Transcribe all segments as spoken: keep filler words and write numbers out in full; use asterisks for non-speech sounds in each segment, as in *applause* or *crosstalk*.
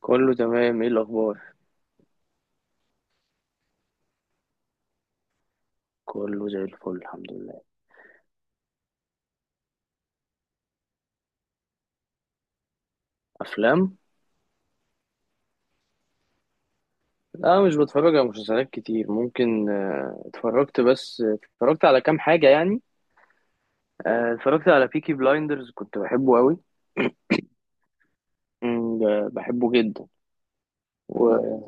كله تمام، ايه الاخبار؟ كله زي الفل، الحمد لله. افلام. لا، مش بتفرج على مسلسلات كتير. ممكن آه، اتفرجت. بس اتفرجت على كام حاجه يعني. آه، اتفرجت على بيكي بلايندرز، كنت بحبه قوي. مم، ب- بحبه جدا. و...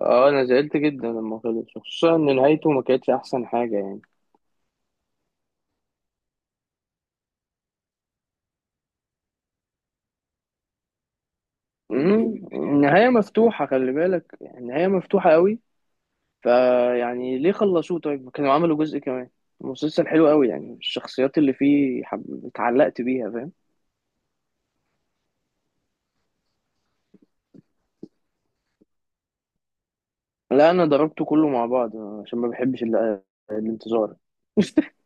اه انا زعلت جدا لما خلص، خصوصا ان نهايته ما كانتش احسن حاجه يعني. مم، النهايه مفتوحه، خلي بالك، النهايه مفتوحه قوي. فيعني ليه خلصوه؟ طيب كانوا عملوا جزء كمان. مسلسل حلو قوي يعني، الشخصيات اللي فيه حب... اتعلقت بيها، فاهم؟ لا، انا ضربته كله مع بعض عشان ما بحبش ال... الانتظار. *laughs*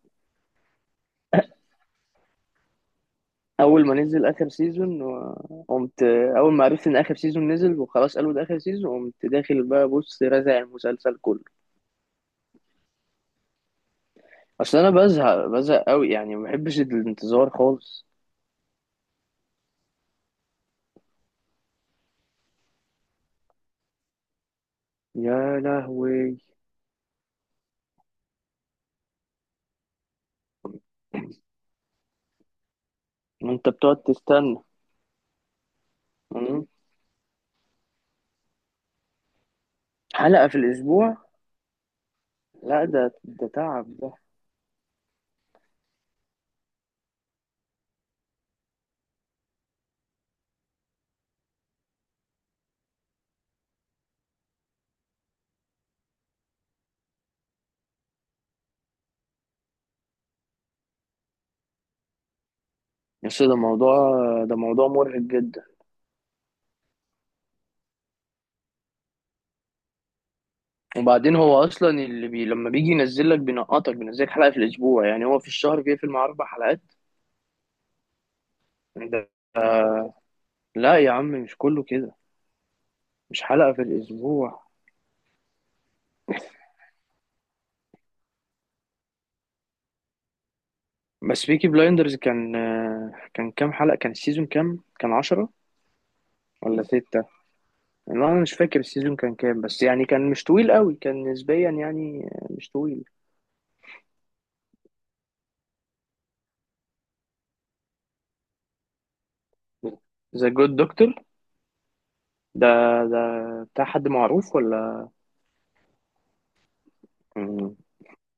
اول ما نزل اخر سيزون و- قمت. اول ما عرفت ان اخر سيزون نزل وخلاص، قالوا ده اخر سيزون، قمت داخل بقى بص رازع المسلسل كله. اصل انا بزهق، بزهق قوي يعني، ما بحبش الانتظار خالص. يا لهوي، انت بتقعد تستنى؟ مم. حلقة في الاسبوع؟ لا، ده ده تعب ده. بس ده موضوع، ده موضوع مرهق جدا. وبعدين هو اصلا اللي بي لما بيجي ينزل لك بينقطك، بينزل لك حلقه في الاسبوع، يعني هو في الشهر بيقفل مع اربع حلقات. ده لا يا عم، مش كله كده. مش حلقه في الاسبوع. بس بيكي بلايندرز كان، كان كام حلقه؟ كان السيزون كام؟ كان عشرة ولا ستة؟ لا انا مش فاكر السيزون كان كام، بس يعني كان مش طويل قوي، كان نسبيا يعني مش طويل. ذا جود دكتور. ده ده بتاع حد معروف ولا؟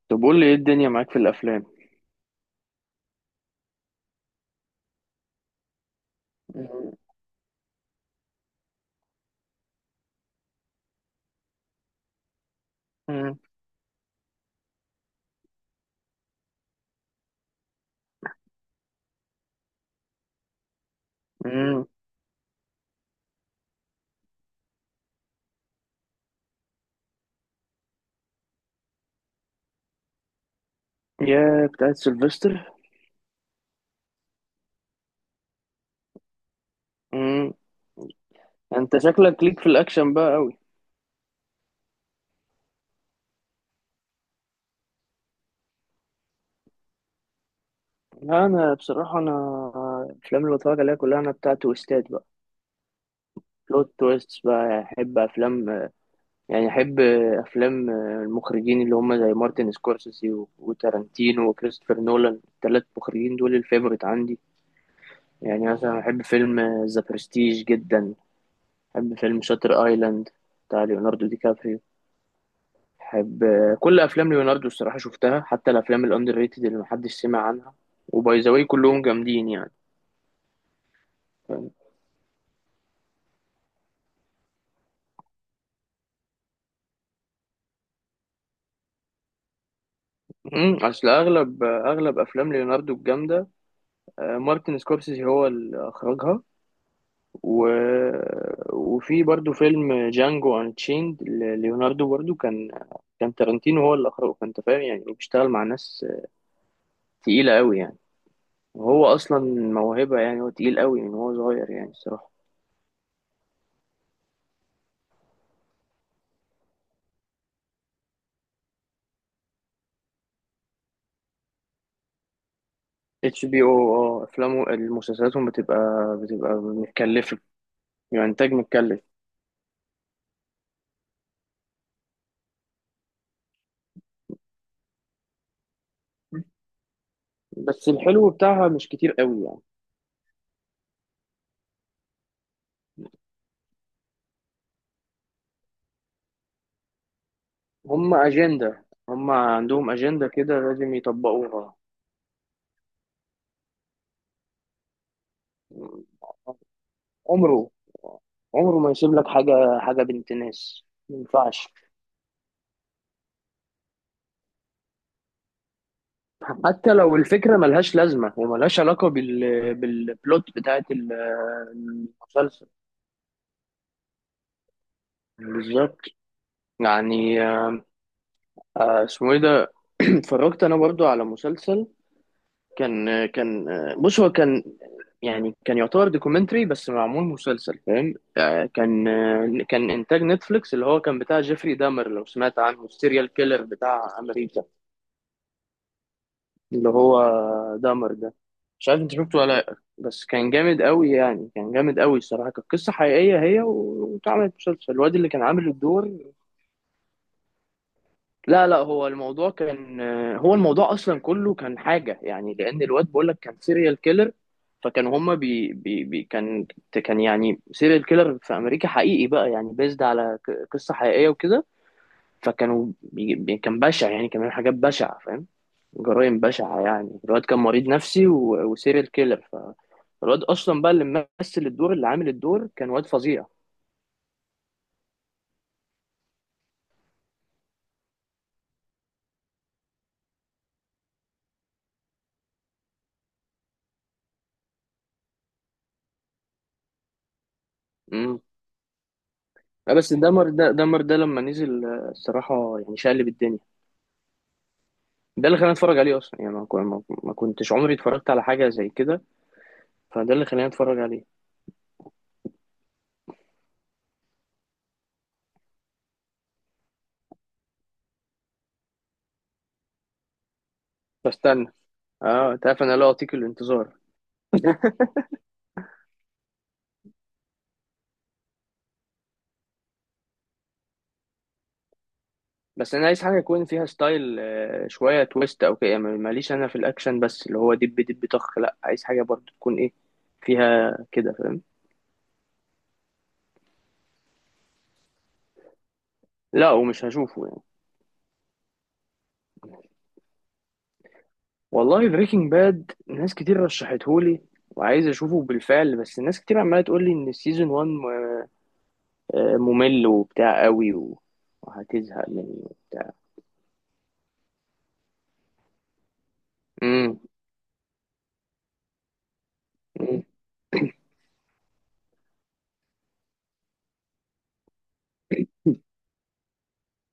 طب قول لي، ايه الدنيا معاك في الافلام؟ مم. مم. مم. يا بتاعت سيلفستر. مم. انت شكلك ليك في الاكشن بقى قوي. لا انا بصراحه انا الافلام اللي بتفرج عليها كلها انا بتاعت تويستات بقى. بلوت تويست، بقى احب افلام، يعني احب افلام المخرجين اللي هم زي مارتن سكورسيزي و- وتارانتينو وكريستوفر نولان. الثلاث مخرجين دول الفيفوريت عندي. يعني مثلا احب فيلم ذا برستيج جدا. احب فيلم شاتر ايلاند بتاع ليوناردو دي كابريو. بحب كل افلام ليوناردو الصراحه، شفتها حتى الافلام الاندر ريتد اللي محدش سمع عنها. وباي ذا واي كلهم جامدين يعني، فاهم؟ امم، اصل اغلب اغلب افلام ليوناردو الجامده، آه، مارتن سكورسيزي هو اللي اخرجها. و... وفي برضو فيلم جانجو انشيند، ليوناردو برضو كان، كان تارانتينو هو اللي اخرجه. فانت فاهم يعني هو بيشتغل مع ناس تقيله قوي يعني. وهو اصلا موهبه، يعني هو تقيل قوي من هو صغير يعني الصراحه. اتش بي او، اه، افلامه مسلسلاتهم بتبقى، بتبقى متكلفه. يعني انتاج متكلف. بس الحلو بتاعها مش كتير قوي يعني. هم اجنده، هم عندهم اجنده كده لازم يطبقوها. عمره عمره ما يسيب لك حاجه، حاجه بنت ناس ما ينفعش. حتى لو الفكره ملهاش لازمه وملهاش علاقه بال بالبلوت بتاعت ال- المسلسل. بالظبط. يعني آه، اسمه ايه ده؟ *clears throat* اتفرجت انا برضو على مسلسل، كان كان بص هو كان، يعني كان يعتبر دوكيومنتري بس معمول مسلسل، فاهم؟ آه، كان، آه، كان انتاج نتفليكس، اللي هو كان بتاع جيفري دامر. لو سمعت عنه، السيريال كيلر بتاع امريكا، اللي هو دامر ده. مش عارف انت شفته ولا لأ، بس كان جامد قوي يعني، كان جامد قوي الصراحه. كانت قصه حقيقيه هي و- واتعملت مسلسل. الواد اللي كان عامل الدور، لا لا، هو الموضوع كان، هو الموضوع اصلا كله كان حاجه يعني، لان الواد بقول لك كان سيريال كيلر. فكان هما بي بي بي كان، كان يعني سيريال كيلر في امريكا حقيقي بقى، يعني بيزد على ك- قصه حقيقيه وكده. فكانوا بي بي- كان بشع يعني، كان بيعمل حاجات بشعه، فاهم؟ جرائم بشعه يعني. الواد كان مريض نفسي و- وسيريال كيلر. فالواد اصلا بقى اللي ممثل الدور اللي عامل الدور كان واد فظيع. امم. بس دمر ده دمر ده لما نزل آه، الصراحه يعني شقلب الدنيا. ده اللي خلاني اتفرج عليه اصلا، يعني ما كو- ما- ما كنتش عمري اتفرجت على حاجه زي كده، فده اللي خلاني اتفرج عليه. بستنى. اه انت عارف انا لا اطيق الانتظار. *laughs* بس انا عايز حاجه يكون فيها ستايل، آه، شويه تويست او كده، يعني ماليش انا في الاكشن بس اللي هو دب دب طخ، لا عايز حاجه برضو تكون ايه، فيها كده، فاهم؟ لا ومش هشوفه يعني. والله بريكنج باد ناس كتير رشحتهولي وعايز اشوفه بالفعل، بس ناس كتير عماله تقول لي ان سيزون واحد ممل وبتاع قوي و- وهتزهق منه وبتاع.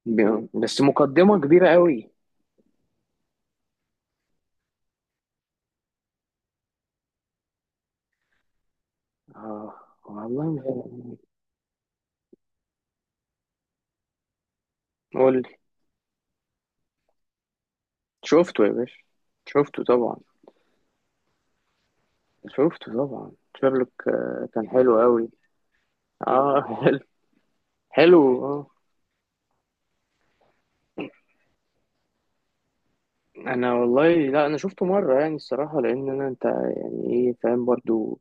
ب- بس مقدمة كبيرة قوي. اه. والله ما- قول لي. شفته يا باشا، شفته طبعا. شفته طبعا شيرلوك، آه، كان حلو قوي. اه حلو، حلو اه. انا والله لا انا شفته مرة يعني الصراحة، لان انا، انت يعني ايه، فاهم؟ برضو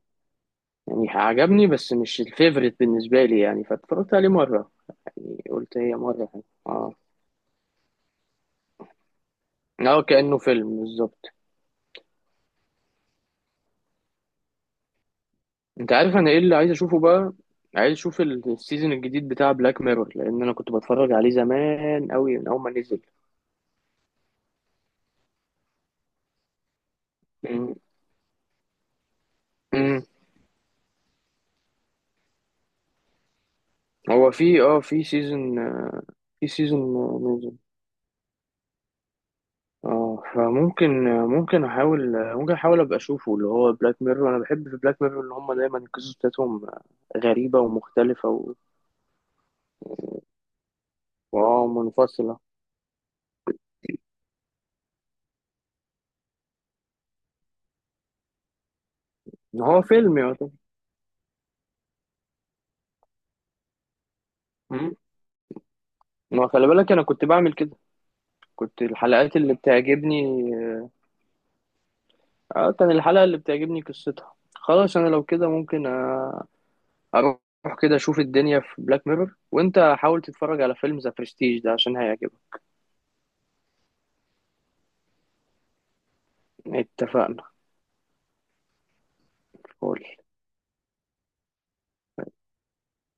يعني عجبني بس مش الفيفوريت بالنسبة لي يعني، فاتفرجت عليه مرة، يعني قلت هي مرة حلوة. اه. اه كأنه فيلم بالظبط. انت عارف انا ايه اللي عايز اشوفه بقى؟ عايز اشوف ال- السيزون الجديد بتاع بلاك ميرور، لان انا كنت بتفرج عليه زمان قوي من اول ما نزل. مم. مم. هو في، اه في سيزون، في سيزون نزل. اه، فممكن، ممكن احاول ممكن احاول ابقى اشوفه، اللي هو بلاك ميرور. انا بحب في بلاك ميرور ان هم دايما القصص بتاعتهم غريبة ومختلفة و... واه منفصلة. ان هو فيلم يعتبر. مم. ما خلي بالك انا كنت بعمل كده، كنت الحلقات اللي بتعجبني، آه، كان الحلقة اللي بتعجبني قصتها خلاص. أنا لو كده ممكن، آه، أروح كده أشوف الدنيا في بلاك ميرور، وأنت حاول تتفرج على فيلم ذا برستيج ده عشان هيعجبك. اتفقنا. قول.